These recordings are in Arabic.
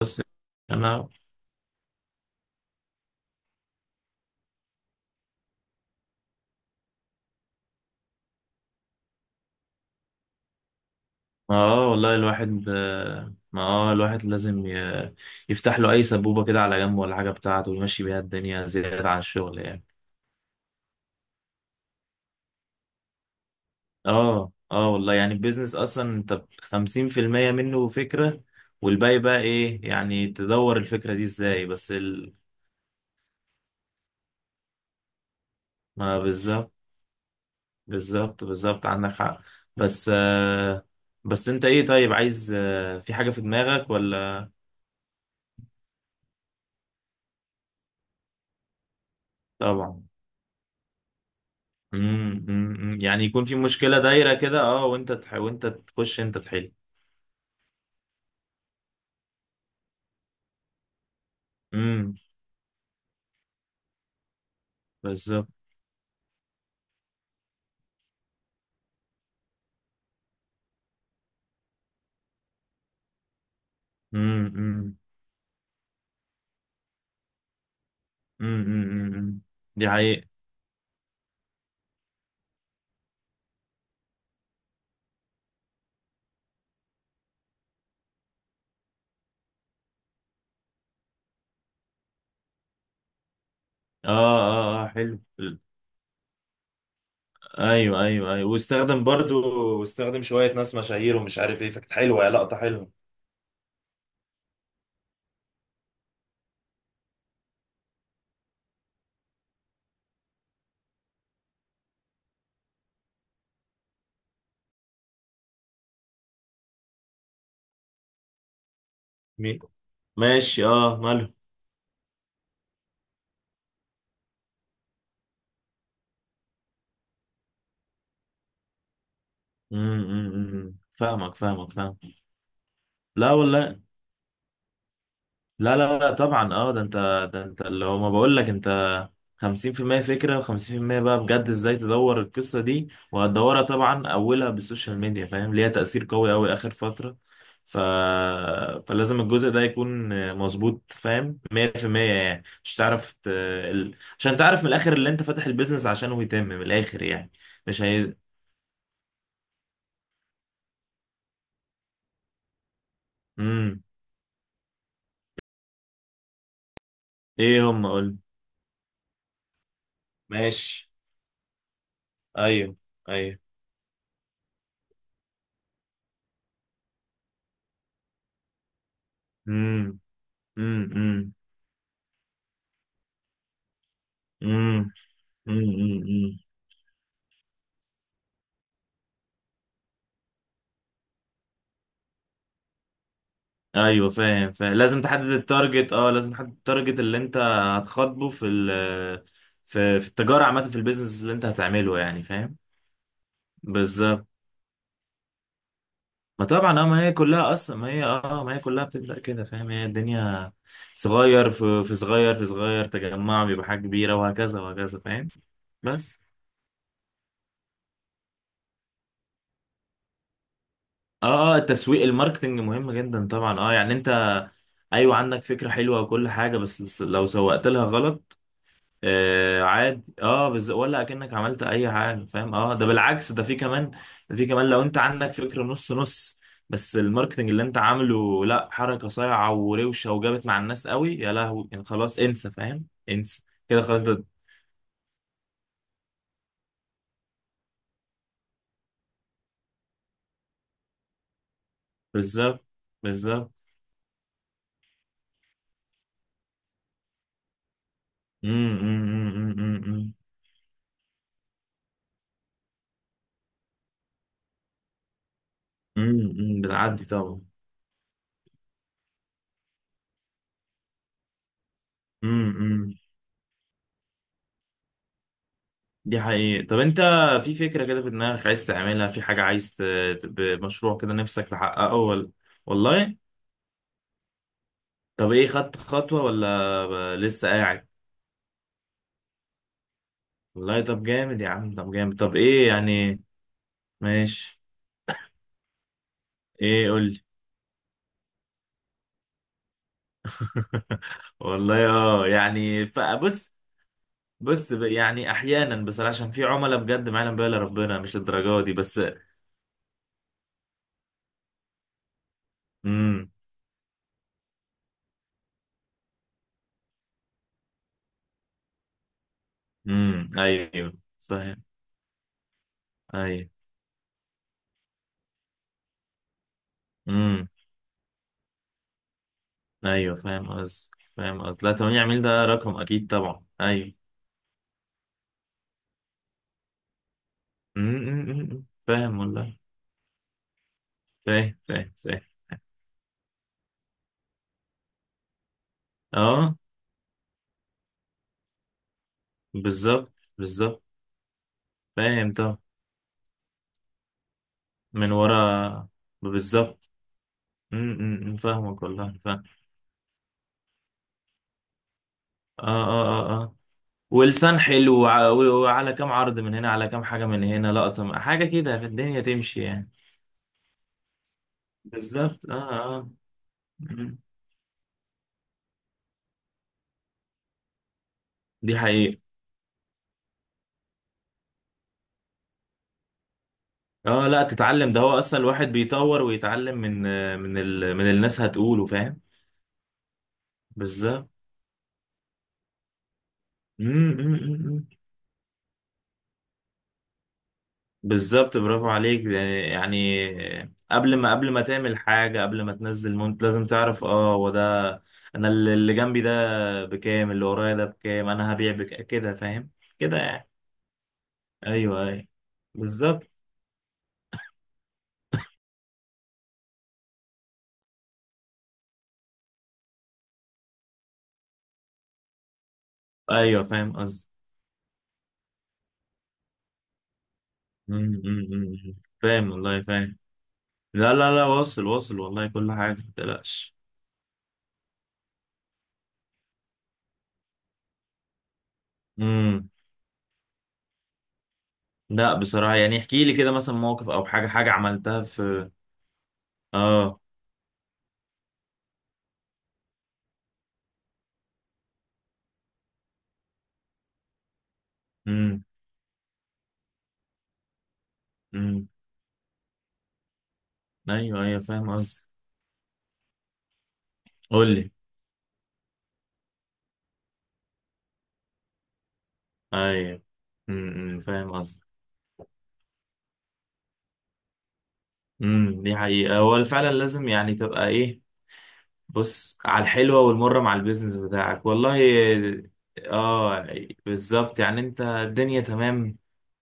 بس انا اه والله الواحد آه، ما الواحد لازم يفتح له اي سبوبه كده على جنب ولا حاجه بتاعته ويمشي بيها الدنيا زياده عن الشغل يعني. اه والله يعني البيزنس اصلا انت 50% منه فكره، والباقي بقى ايه؟ يعني تدور الفكره دي ازاي؟ ما بالظبط، بالظبط، بالظبط، عندك حق. بس آه بس انت ايه؟ طيب، عايز في حاجه في دماغك ولا؟ طبعا. يعني يكون في مشكلة دايرة كده، وانت تخش، انت تحل. امم، بالظبط. امم، امم، امم، أمم، أمم. دي حقيقة. اه، اه، اه، حلو. ايوه، ايوه، ايوه، واستخدم شوية ناس مشاهير ومش عارف ايه، فكانت حلوة، يا لقطة حلوة. مين؟ ماشي، اه، ماله. امم، أمم، أمم، فاهمك، فاهمك، فاهم. لا والله، لا، لا، لا، طبعا، ده انت اللي هو ما بقول لك انت 50% فكرة وخمسين في المية بقى، بجد ازاي تدور القصة دي؟ وهتدورها طبعا أولها بالسوشيال ميديا، فاهم، ليها تأثير قوي أوي آخر فترة. ف... فلازم الجزء ده يكون مظبوط، فاهم، 100% يعني. مش تعرف عشان تعرف من الآخر اللي أنت فاتح البيزنس عشانه يتم من الآخر يعني. مش هي. مم. إيه هم، قول. ماشي، أيوه، أيوه، مم، مم، مم، مم، مم، مم. ايوه، فاهم، فاهم، لازم تحدد التارجت اللي انت هتخاطبه في التجاره عامه، في البيزنس اللي انت هتعمله يعني، فاهم. بالظبط. ما طبعا، ما هي كلها بتبدا كده فاهم. هي الدنيا صغير في صغير في صغير، تجمع بيبقى حاجه كبيره، وهكذا وهكذا فاهم. بس. اه التسويق، الماركتنج مهم جدا طبعا. اه يعني انت ايوه عندك فكره حلوه وكل حاجه، بس لو سوقت لها غلط. آه، عادي، ولا اكنك عملت اي حاجه فاهم. اه ده بالعكس، ده في كمان. ده في كمان لو انت عندك فكره نص نص، بس الماركتنج اللي انت عامله، لا، حركه صايعه وروشه وجابت مع الناس قوي يا لهوي يعني، خلاص انسى فاهم، انسى كده خلاص بالظبط، بالظبط، امم، امم، امم، امم، بتعدي طبعا. امم، دي حقيقة. طب انت في فكرة كده في دماغك، عايز تعملها، في حاجة عايز مشروع كده نفسك تحققه ولا؟ والله. طب ايه، خدت خطوة ولا لسه قاعد؟ والله، طب جامد يا عم، طب جامد. طب ايه يعني؟ ماشي، ايه، قولي. والله، يعني فبص. بص، يعني احيانا بصراحة، عشان في عملاء بجد ما يعلم بها الا ربنا، مش للدرجة دي بس. امم، امم، ايوه، فاهم. ايوه، امم، ايوه، فاهم قصدي. فاهم قصدي، لا 8 عميل ده رقم اكيد، طبعا، ايوه. امم، أمم، أمم، فاهم والله، فاهم. فاهم، فاهم، اه. بالظبط، بالظبط، فاهم طبعا، من ورا، بالظبط. م- م- م، فاهمك والله، فاهم. اه، اه، اه، اه. ولسان حلو، وعلى كام عرض من هنا، على كام حاجة من هنا، لقطة، حاجة كده في الدنيا تمشي يعني. بالظبط، م. دي حقيقة. اه، لا تتعلم، ده هو اصلا الواحد بيطور ويتعلم من من الناس هتقوله، فاهم. بالظبط. م. بالظبط، برافو عليك. يعني قبل ما تعمل حاجة، قبل ما تنزل مونت لازم تعرف، هو ده. انا اللي جنبي ده بكام، اللي ورايا ده بكام، انا هبيع بك كده فاهم كده يعني. ايوه، ايوه، بالظبط، ايوه، فاهم قصدي. أمم، أمم، أمم، فاهم والله، فاهم. لا، لا، لا، واصل، واصل والله، كل حاجة متقلقش. امم، لا بصراحة، يعني احكي لي كده، مثلا موقف او حاجة عملتها في. اه، امم، امم، ايوه، ايوه، فاهم قصدي. قول لي، ايوه. امم، أمم، فاهم قصدي. امم، دي حقيقة، هو فعلا لازم يعني تبقى ايه، بص على الحلوة والمرة مع البيزنس بتاعك والله. اه، بالظبط يعني. انت الدنيا تمام،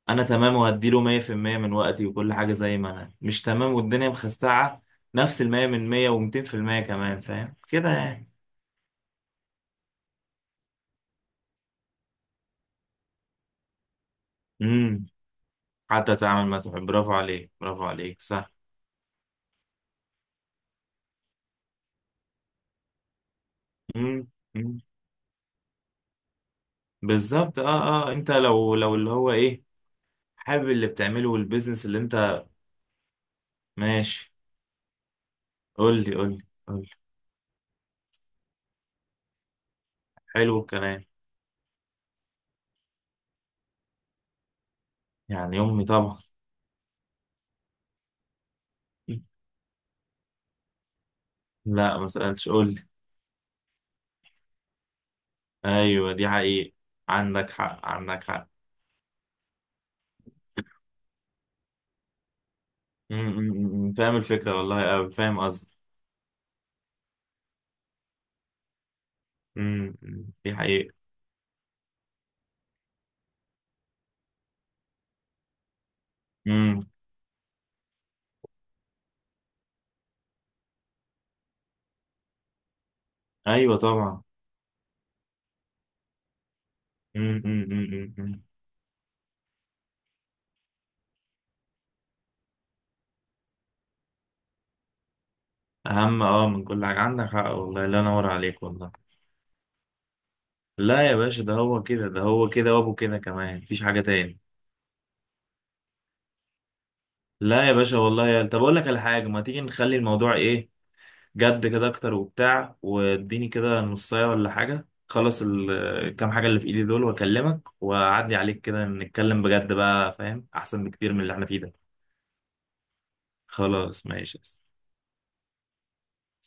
انا تمام وهديله 100% من وقتي وكل حاجة. زي ما انا مش تمام والدنيا مخستعة، نفس المية من مية ومتين في المية كمان، فاهم كده يعني. امم، حتى تعمل ما تحب، برافو عليك، برافو عليك، صح. امم، أمم. بالظبط، انت لو اللي هو ايه، حابب اللي بتعمله، والبيزنس اللي انت. ماشي، قول لي، قول لي، قول لي. حلو الكلام. يعني امي طبعا. لا، ما سألتش، قول لي. ايوه، دي حقيقة، عندك حق، عندك حق. فاهم الفكرة والله قوي، فاهم قصدي. م- دي حقيقة. م- ايوه طبعا. م. اهم من كل حاجة، عندك حق والله، لا نور عليك والله. لا يا باشا، ده هو كده، ده هو كده وابو كده كمان، مفيش حاجة تاني. لا يا باشا والله يا، طب اقول لك على حاجة، ما تيجي نخلي الموضوع ايه جد كده اكتر وبتاع، واديني كده نصايه ولا حاجه، خلص الكام حاجه اللي في ايدي دول واكلمك واعدي عليك كده نتكلم بجد بقى، فاهم احسن بكتير من اللي احنا فيه ده. خلاص، ماشي يا أسطى.